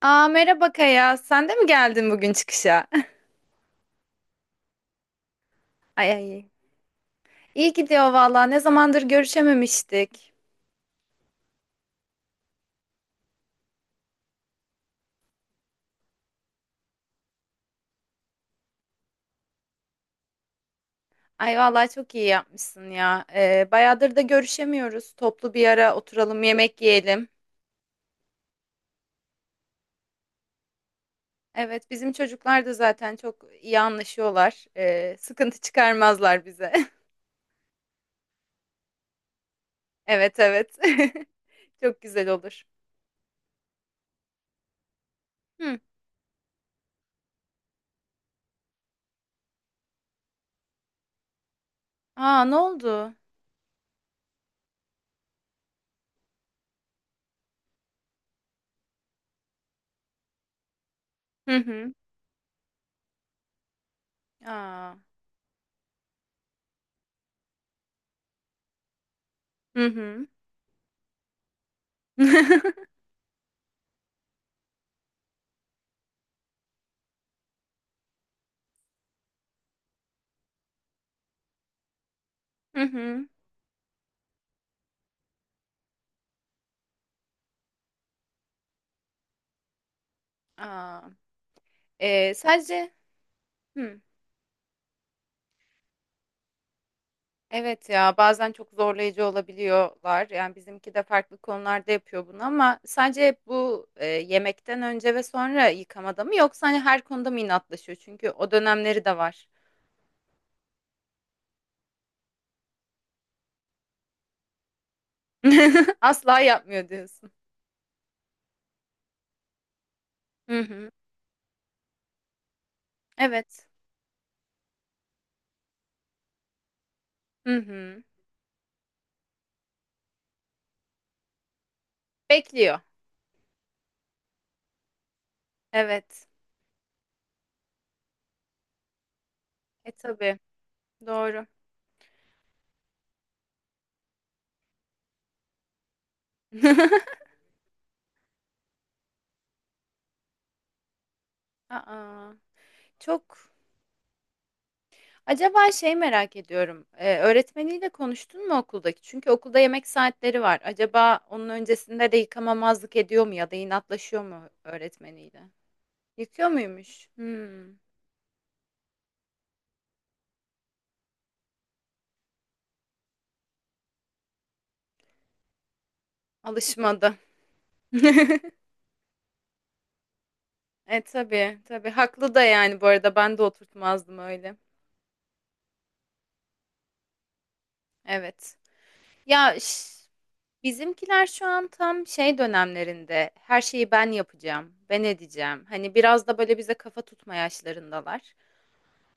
Aa merhaba Kaya. Sen de mi geldin bugün çıkışa? Ay ay. İyi gidiyor valla. Ne zamandır görüşememiştik. Ay valla çok iyi yapmışsın ya. Bayağıdır da görüşemiyoruz. Toplu bir ara oturalım, yemek yiyelim. Evet, bizim çocuklar da zaten çok iyi anlaşıyorlar. Sıkıntı çıkarmazlar bize. Evet, evet. Çok güzel olur. Hı. Aa, ne oldu? Hı hı. Aa. Hı hı. Hı hı. Aa. Sadece. Hı. Evet, ya bazen çok zorlayıcı olabiliyorlar. Yani bizimki de farklı konularda yapıyor bunu ama sadece hep bu yemekten önce ve sonra yıkamada mı yoksa hani her konuda mı inatlaşıyor? Çünkü o dönemleri de var. Asla yapmıyor diyorsun. Hı hı. Evet. Hı hı. Bekliyor. Evet. E tabii. Doğru. Aa, çok. Acaba şey merak ediyorum. Öğretmeniyle konuştun mu okuldaki? Çünkü okulda yemek saatleri var. Acaba onun öncesinde de yıkamamazlık ediyor mu ya da inatlaşıyor mu öğretmeniyle? Yıkıyor muymuş? Hmm, alışmadı. E tabii, tabii, haklı da yani, bu arada ben de oturtmazdım öyle. Evet. Ya ş- Bizimkiler şu an tam şey dönemlerinde, her şeyi ben yapacağım, ben edeceğim. Hani biraz da böyle bize kafa tutma yaşlarındalar.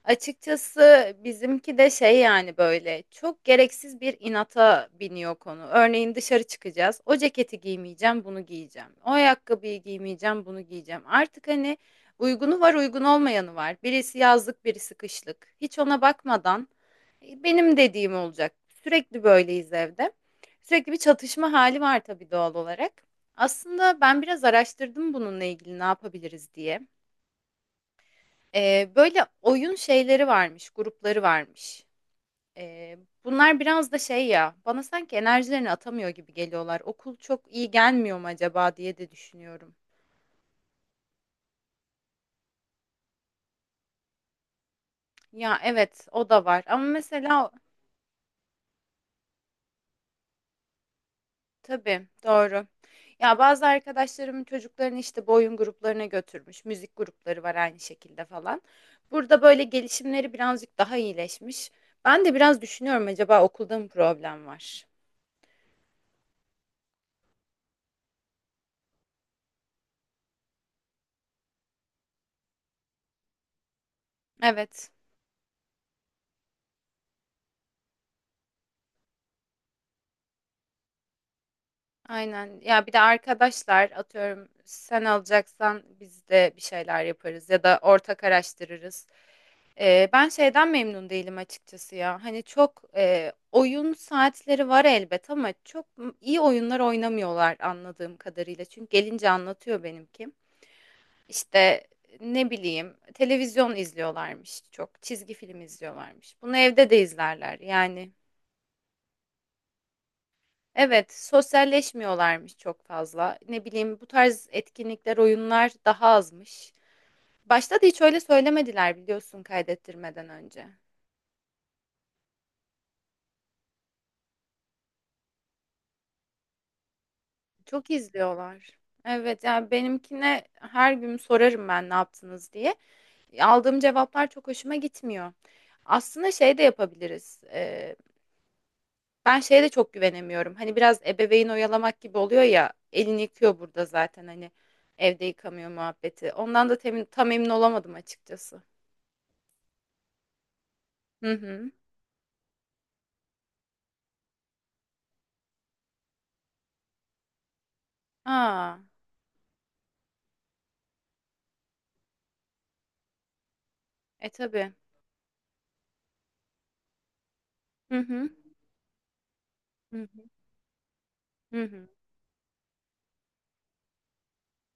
Açıkçası bizimki de şey yani, böyle çok gereksiz bir inata biniyor konu. Örneğin dışarı çıkacağız. O ceketi giymeyeceğim, bunu giyeceğim. O ayakkabıyı giymeyeceğim, bunu giyeceğim. Artık hani uygunu var, uygun olmayanı var. Birisi yazlık, birisi kışlık. Hiç ona bakmadan benim dediğim olacak. Sürekli böyleyiz evde. Sürekli bir çatışma hali var tabii, doğal olarak. Aslında ben biraz araştırdım bununla ilgili ne yapabiliriz diye. Böyle oyun şeyleri varmış, grupları varmış. Ee, Bunlar biraz da şey ya, bana sanki enerjilerini atamıyor gibi geliyorlar. Okul çok iyi gelmiyor mu acaba diye de düşünüyorum. Ya evet, o da var. Ama mesela tabii, doğru. Ya bazı arkadaşlarımın çocuklarını işte bu oyun gruplarına götürmüş. Müzik grupları var aynı şekilde falan. Burada böyle gelişimleri birazcık daha iyileşmiş. Ben de biraz düşünüyorum, acaba okulda mı problem var? Evet. Aynen. Ya bir de arkadaşlar atıyorum sen alacaksan biz de bir şeyler yaparız ya da ortak araştırırız. Ben şeyden memnun değilim açıkçası ya. Hani çok oyun saatleri var elbet ama çok iyi oyunlar oynamıyorlar anladığım kadarıyla. Çünkü gelince anlatıyor benimki. İşte ne bileyim, televizyon izliyorlarmış çok, çizgi film izliyorlarmış. Bunu evde de izlerler yani. Evet, sosyalleşmiyorlarmış çok fazla. Ne bileyim, bu tarz etkinlikler, oyunlar daha azmış. Başta da hiç öyle söylemediler biliyorsun, kaydettirmeden önce. Çok izliyorlar. Evet, yani benimkine her gün sorarım ben ne yaptınız diye. Aldığım cevaplar çok hoşuma gitmiyor. Aslında şey de yapabiliriz. Ben şeye de çok güvenemiyorum. Hani biraz ebeveyn oyalamak gibi oluyor ya. Elini yıkıyor burada zaten, hani evde yıkamıyor muhabbeti. Ondan da temin, tam emin olamadım açıkçası. Hı hı. A! E, tabii. Hı hı. Hı hı. Hı hı.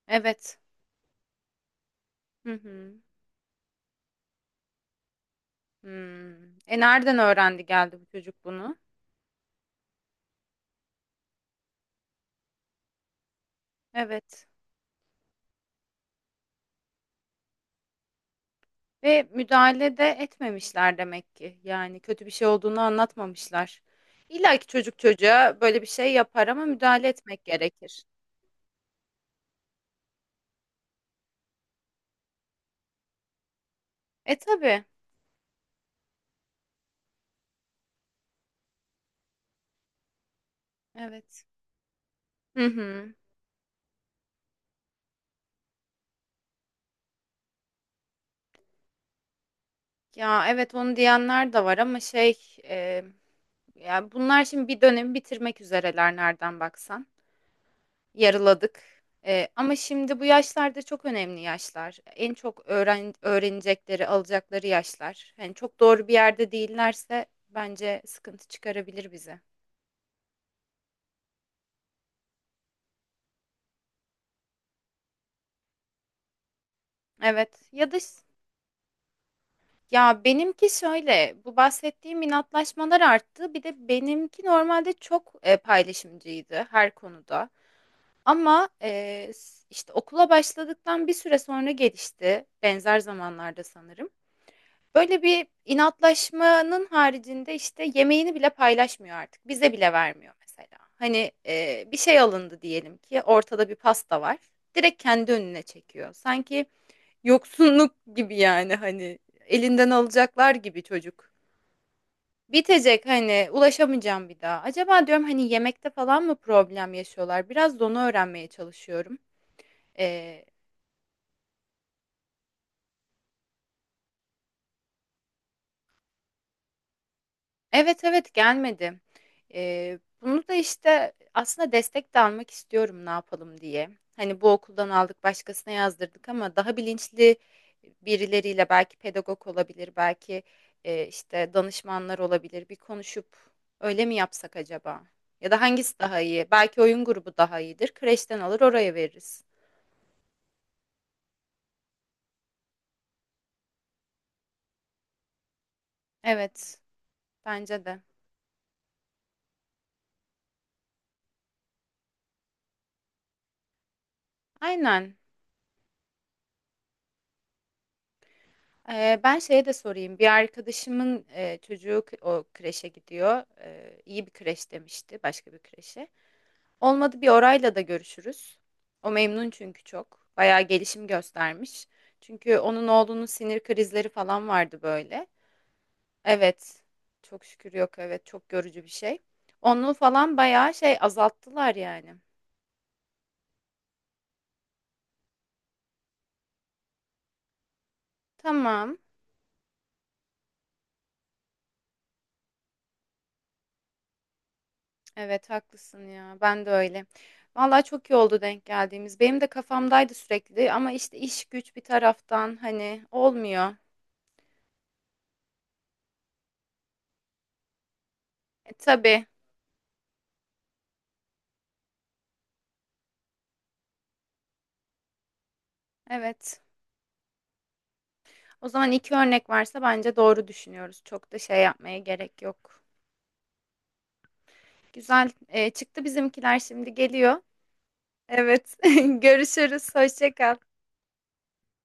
Evet. Hı hı. Hımm. E, nereden öğrendi geldi bu çocuk bunu? Evet, ve müdahale de etmemişler demek ki. Yani kötü bir şey olduğunu anlatmamışlar. İlla ki çocuk çocuğa böyle bir şey yapar ama müdahale etmek gerekir. E, tabii. Evet. Hı hı. Ya, evet, onu diyenler de var ama şey, ya, bunlar şimdi bir dönemi bitirmek üzereler nereden baksan. Yarıladık. Ama şimdi bu yaşlarda çok önemli yaşlar. En çok öğrenecekleri, alacakları yaşlar. Yani çok doğru bir yerde değillerse bence sıkıntı çıkarabilir bize. Evet. Ya benimki şöyle, bu bahsettiğim inatlaşmalar arttı. Bir de benimki normalde çok paylaşımcıydı her konuda. Ama işte okula başladıktan bir süre sonra gelişti. Benzer zamanlarda sanırım. Böyle bir inatlaşmanın haricinde işte yemeğini bile paylaşmıyor artık. Bize bile vermiyor mesela. Hani bir şey alındı diyelim ki, ortada bir pasta var. Direkt kendi önüne çekiyor. Sanki yoksunluk gibi, yani hani elinden alacaklar gibi çocuk. Bitecek, hani ulaşamayacağım bir daha. Acaba diyorum hani yemekte falan mı problem yaşıyorlar? Biraz da onu öğrenmeye çalışıyorum. E, Evet, evet, gelmedi. Bunu da, işte, aslında destek de almak istiyorum ne yapalım diye. Hani, bu okuldan aldık, başkasına yazdırdık ama daha bilinçli birileriyle, belki pedagog olabilir, belki, işte, danışmanlar olabilir. Bir konuşup öyle mi yapsak acaba? Ya da hangisi daha iyi? Belki oyun grubu daha iyidir. Kreşten alır, oraya veririz. Evet, bence de. Aynen. Ben şeye de sorayım. Bir arkadaşımın çocuğu o kreşe gidiyor. İyi bir kreş demişti, başka bir kreşe. Olmadı bir orayla da görüşürüz. O memnun çünkü çok. Bayağı gelişim göstermiş. Çünkü onun oğlunun sinir krizleri falan vardı böyle. Evet. Çok şükür yok. Evet, çok görücü bir şey. Onu falan bayağı şey azalttılar yani. Tamam. Evet haklısın ya. Ben de öyle. Vallahi çok iyi oldu denk geldiğimiz. Benim de kafamdaydı sürekli ama işte iş güç bir taraftan hani olmuyor. E, tabii. Evet. O zaman iki örnek varsa bence doğru düşünüyoruz. Çok da şey yapmaya gerek yok. Güzel. E, çıktı bizimkiler şimdi geliyor. Evet. Görüşürüz. Hoşça kal.